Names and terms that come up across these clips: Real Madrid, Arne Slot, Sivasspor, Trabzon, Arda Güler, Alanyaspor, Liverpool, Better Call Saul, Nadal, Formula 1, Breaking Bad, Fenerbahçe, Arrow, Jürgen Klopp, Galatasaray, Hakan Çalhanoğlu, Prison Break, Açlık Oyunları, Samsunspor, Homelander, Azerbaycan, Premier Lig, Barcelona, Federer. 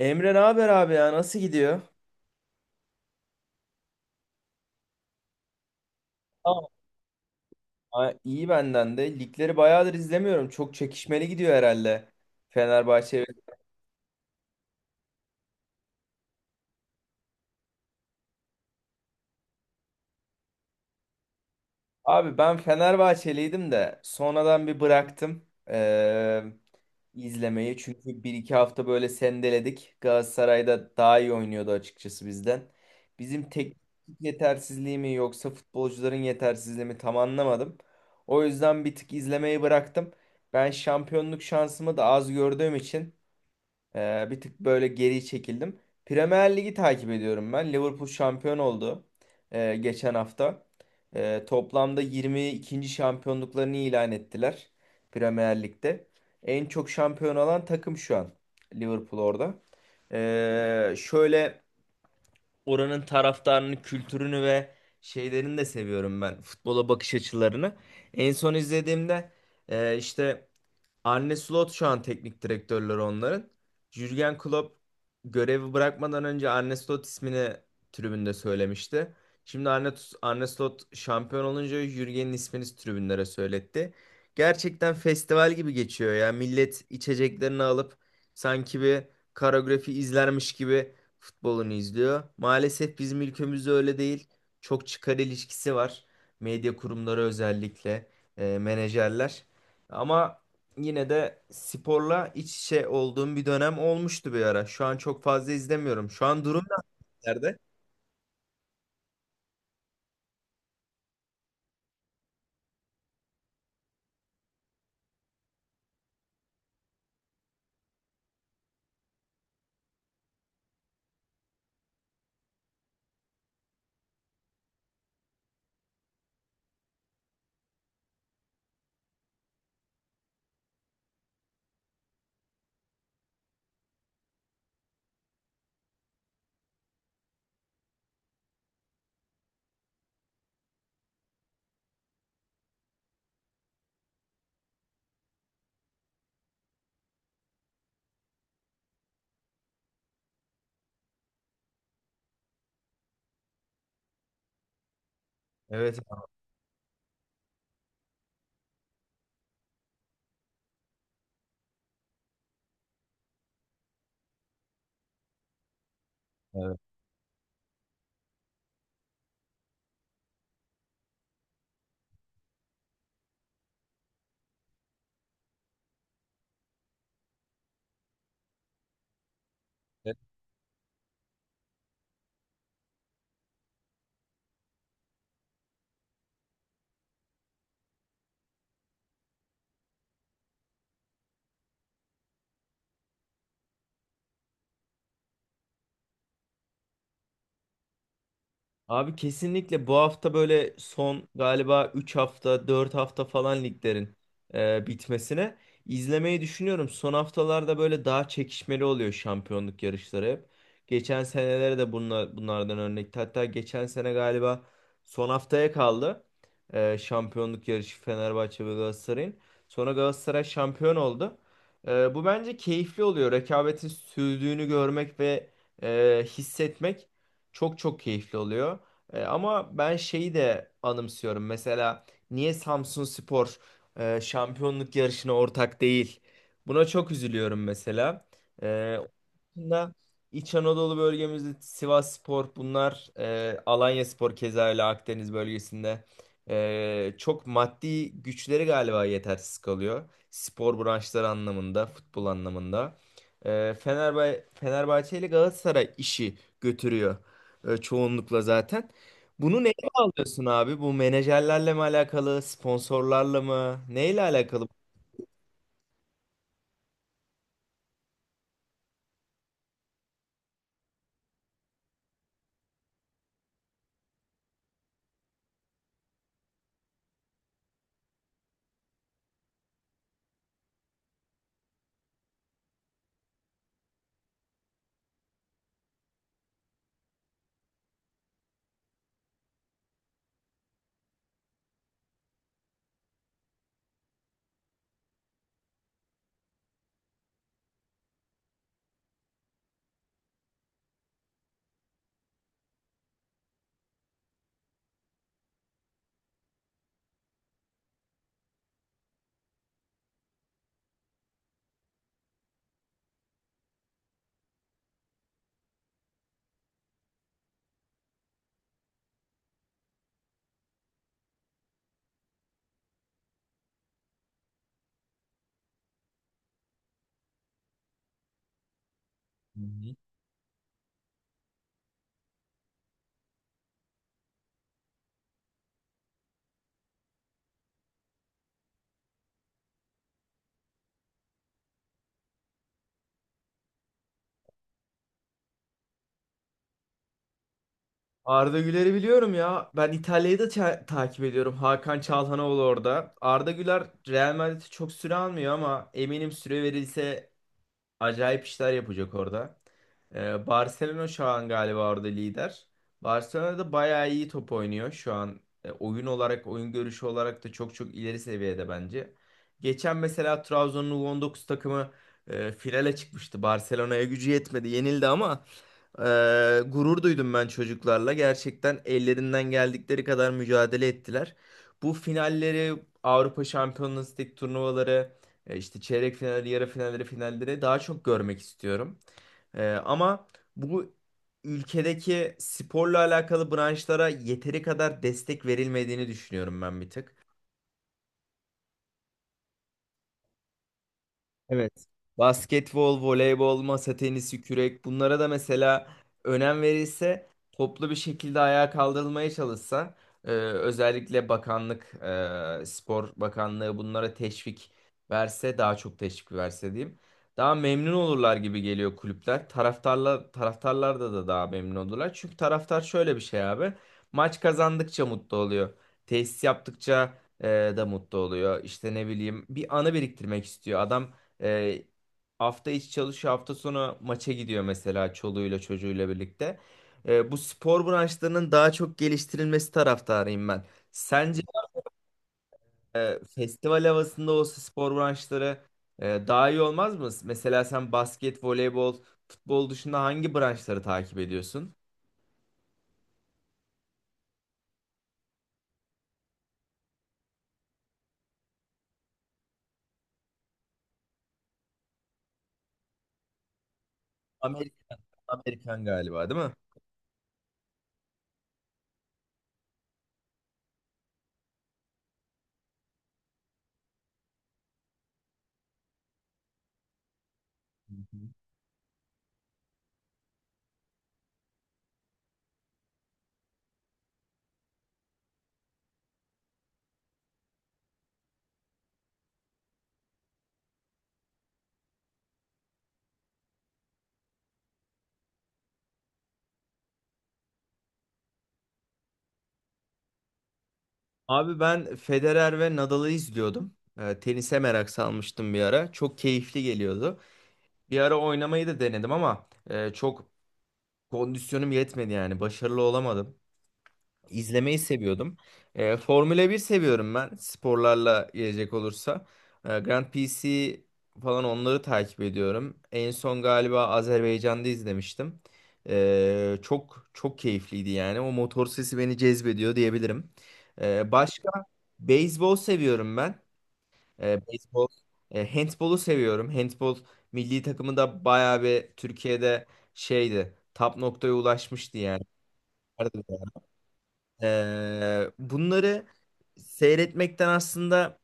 Emre ne haber abi ya nasıl gidiyor? Tamam. Ha, iyi benden de. Ligleri bayağıdır izlemiyorum. Çok çekişmeli gidiyor herhalde. Fenerbahçe. Abi ben Fenerbahçeliydim de sonradan bir bıraktım izlemeyi. Çünkü bir iki hafta böyle sendeledik. Galatasaray'da daha iyi oynuyordu açıkçası bizden. Bizim teknik yetersizliği mi yoksa futbolcuların yetersizliği mi tam anlamadım. O yüzden bir tık izlemeyi bıraktım. Ben şampiyonluk şansımı da az gördüğüm için bir tık böyle geri çekildim. Premier Ligi takip ediyorum ben. Liverpool şampiyon oldu geçen hafta. Toplamda 22. şampiyonluklarını ilan ettiler Premier Lig'de. En çok şampiyon olan takım şu an Liverpool orada. Şöyle oranın taraftarını, kültürünü ve şeylerini de seviyorum ben. Futbola bakış açılarını. En son izlediğimde işte, Arne Slot şu an teknik direktörleri onların. Jürgen Klopp görevi bırakmadan önce Arne Slot ismini tribünde söylemişti. Şimdi Arne Slot şampiyon olunca Jürgen'in ismini tribünlere söyletti. Gerçekten festival gibi geçiyor ya. Millet içeceklerini alıp sanki bir koreografi izlermiş gibi futbolunu izliyor. Maalesef bizim ülkemizde öyle değil. Çok çıkar ilişkisi var. Medya kurumları özellikle, menajerler. Ama yine de sporla iç içe olduğum bir dönem olmuştu bir ara. Şu an çok fazla izlemiyorum. Şu an durum ne? Nerede? Evet. Abi kesinlikle bu hafta böyle son galiba 3 hafta 4 hafta falan liglerin bitmesine izlemeyi düşünüyorum. Son haftalarda böyle daha çekişmeli oluyor şampiyonluk yarışları hep. Geçen senelere de bunlardan örnek. Hatta geçen sene galiba son haftaya kaldı şampiyonluk yarışı Fenerbahçe ve Galatasaray'ın. Sonra Galatasaray şampiyon oldu. Bu bence keyifli oluyor. Rekabetin sürdüğünü görmek ve hissetmek çok çok keyifli oluyor. Ama ben şeyi de anımsıyorum. Mesela niye Samsunspor şampiyonluk yarışına ortak değil? Buna çok üzülüyorum mesela. Onun dışında İç Anadolu bölgemizde Sivasspor bunlar Alanyaspor keza öyle Akdeniz bölgesinde çok maddi güçleri galiba yetersiz kalıyor. Spor branşları anlamında, futbol anlamında. Fenerbahçe ile Galatasaray işi götürüyor çoğunlukla zaten. Bunu neyle alıyorsun abi? Bu menajerlerle mi alakalı, sponsorlarla mı? Neyle alakalı? Hı hı. Arda Güler'i biliyorum ya. Ben İtalya'yı da takip ediyorum. Hakan Çalhanoğlu orada. Arda Güler Real Madrid'i çok süre almıyor ama eminim süre verilse acayip işler yapacak orada. Barcelona şu an galiba orada lider. Barcelona da bayağı iyi top oynuyor şu an. Oyun olarak, oyun görüşü olarak da çok çok ileri seviyede bence. Geçen mesela Trabzon'un U19 takımı finale çıkmıştı. Barcelona'ya gücü yetmedi, yenildi ama ee, gurur duydum ben çocuklarla. Gerçekten ellerinden geldikleri kadar mücadele ettiler. Bu finalleri, Avrupa Şampiyonası Lig turnuvaları, işte çeyrek finalleri, yarı finalleri, finalleri daha çok görmek istiyorum. Ama bu ülkedeki sporla alakalı branşlara yeteri kadar destek verilmediğini düşünüyorum ben bir tık. Evet. Basketbol, voleybol, masa tenisi, kürek bunlara da mesela önem verilse, toplu bir şekilde ayağa kaldırılmaya çalışsa, özellikle bakanlık, Spor Bakanlığı bunlara teşvik verse, daha çok teşvik verse diyeyim. Daha memnun olurlar gibi geliyor kulüpler. Taraftarlar da daha memnun olurlar. Çünkü taraftar şöyle bir şey abi. Maç kazandıkça mutlu oluyor. Tesis yaptıkça e, da mutlu oluyor. İşte ne bileyim bir anı biriktirmek istiyor. Adam e, hafta içi çalışıyor, hafta sonu maça gidiyor mesela çoluğuyla çocuğuyla birlikte. Bu spor branşlarının daha çok geliştirilmesi taraftarıyım ben. Sence festival havasında olsa spor branşları daha iyi olmaz mı? Mesela sen basket, voleybol, futbol dışında hangi branşları takip ediyorsun? Amerikan, Amerikan galiba, değil mi? Abi ben Federer ve Nadal'ı izliyordum. Tenise merak salmıştım bir ara. Çok keyifli geliyordu. Bir ara oynamayı da denedim ama çok kondisyonum yetmedi yani. Başarılı olamadım. İzlemeyi seviyordum. Formula 1 seviyorum ben sporlarla gelecek olursa. Grand PC falan onları takip ediyorum. En son galiba Azerbaycan'da izlemiştim. Çok çok keyifliydi yani. O motor sesi beni cezbediyor diyebilirim. Başka Beyzbol seviyorum ben. Beyzbol, handbolu seviyorum. Handbol milli takımı da bayağı bir Türkiye'de şeydi. Top noktaya ulaşmıştı yani. Vardı ya. Bunları seyretmekten aslında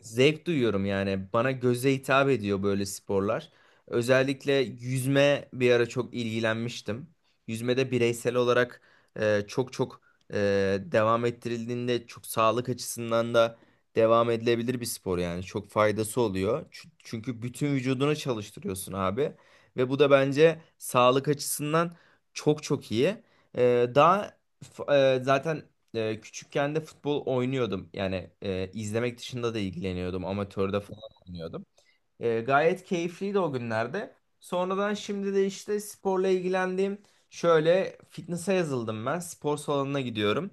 zevk duyuyorum yani. Bana göze hitap ediyor böyle sporlar. Özellikle yüzme bir ara çok ilgilenmiştim. Yüzmede bireysel olarak çok çok e, devam ettirildiğinde çok sağlık açısından da devam edilebilir bir spor yani. Çok faydası oluyor. Çünkü bütün vücudunu çalıştırıyorsun abi. Ve bu da bence sağlık açısından çok çok iyi. E, daha zaten küçükken de futbol oynuyordum. Yani izlemek dışında da ilgileniyordum. Amatörde falan oynuyordum. Gayet keyifliydi o günlerde. Sonradan şimdi de işte sporla ilgilendiğim şöyle fitness'a yazıldım ben. Spor salonuna gidiyorum.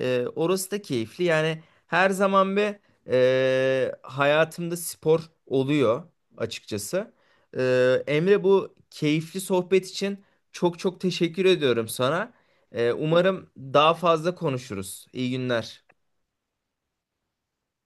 Orası da keyifli. Yani her zaman hayatımda spor oluyor açıkçası. Emre bu keyifli sohbet için çok çok teşekkür ediyorum sana. Umarım daha fazla konuşuruz. İyi günler.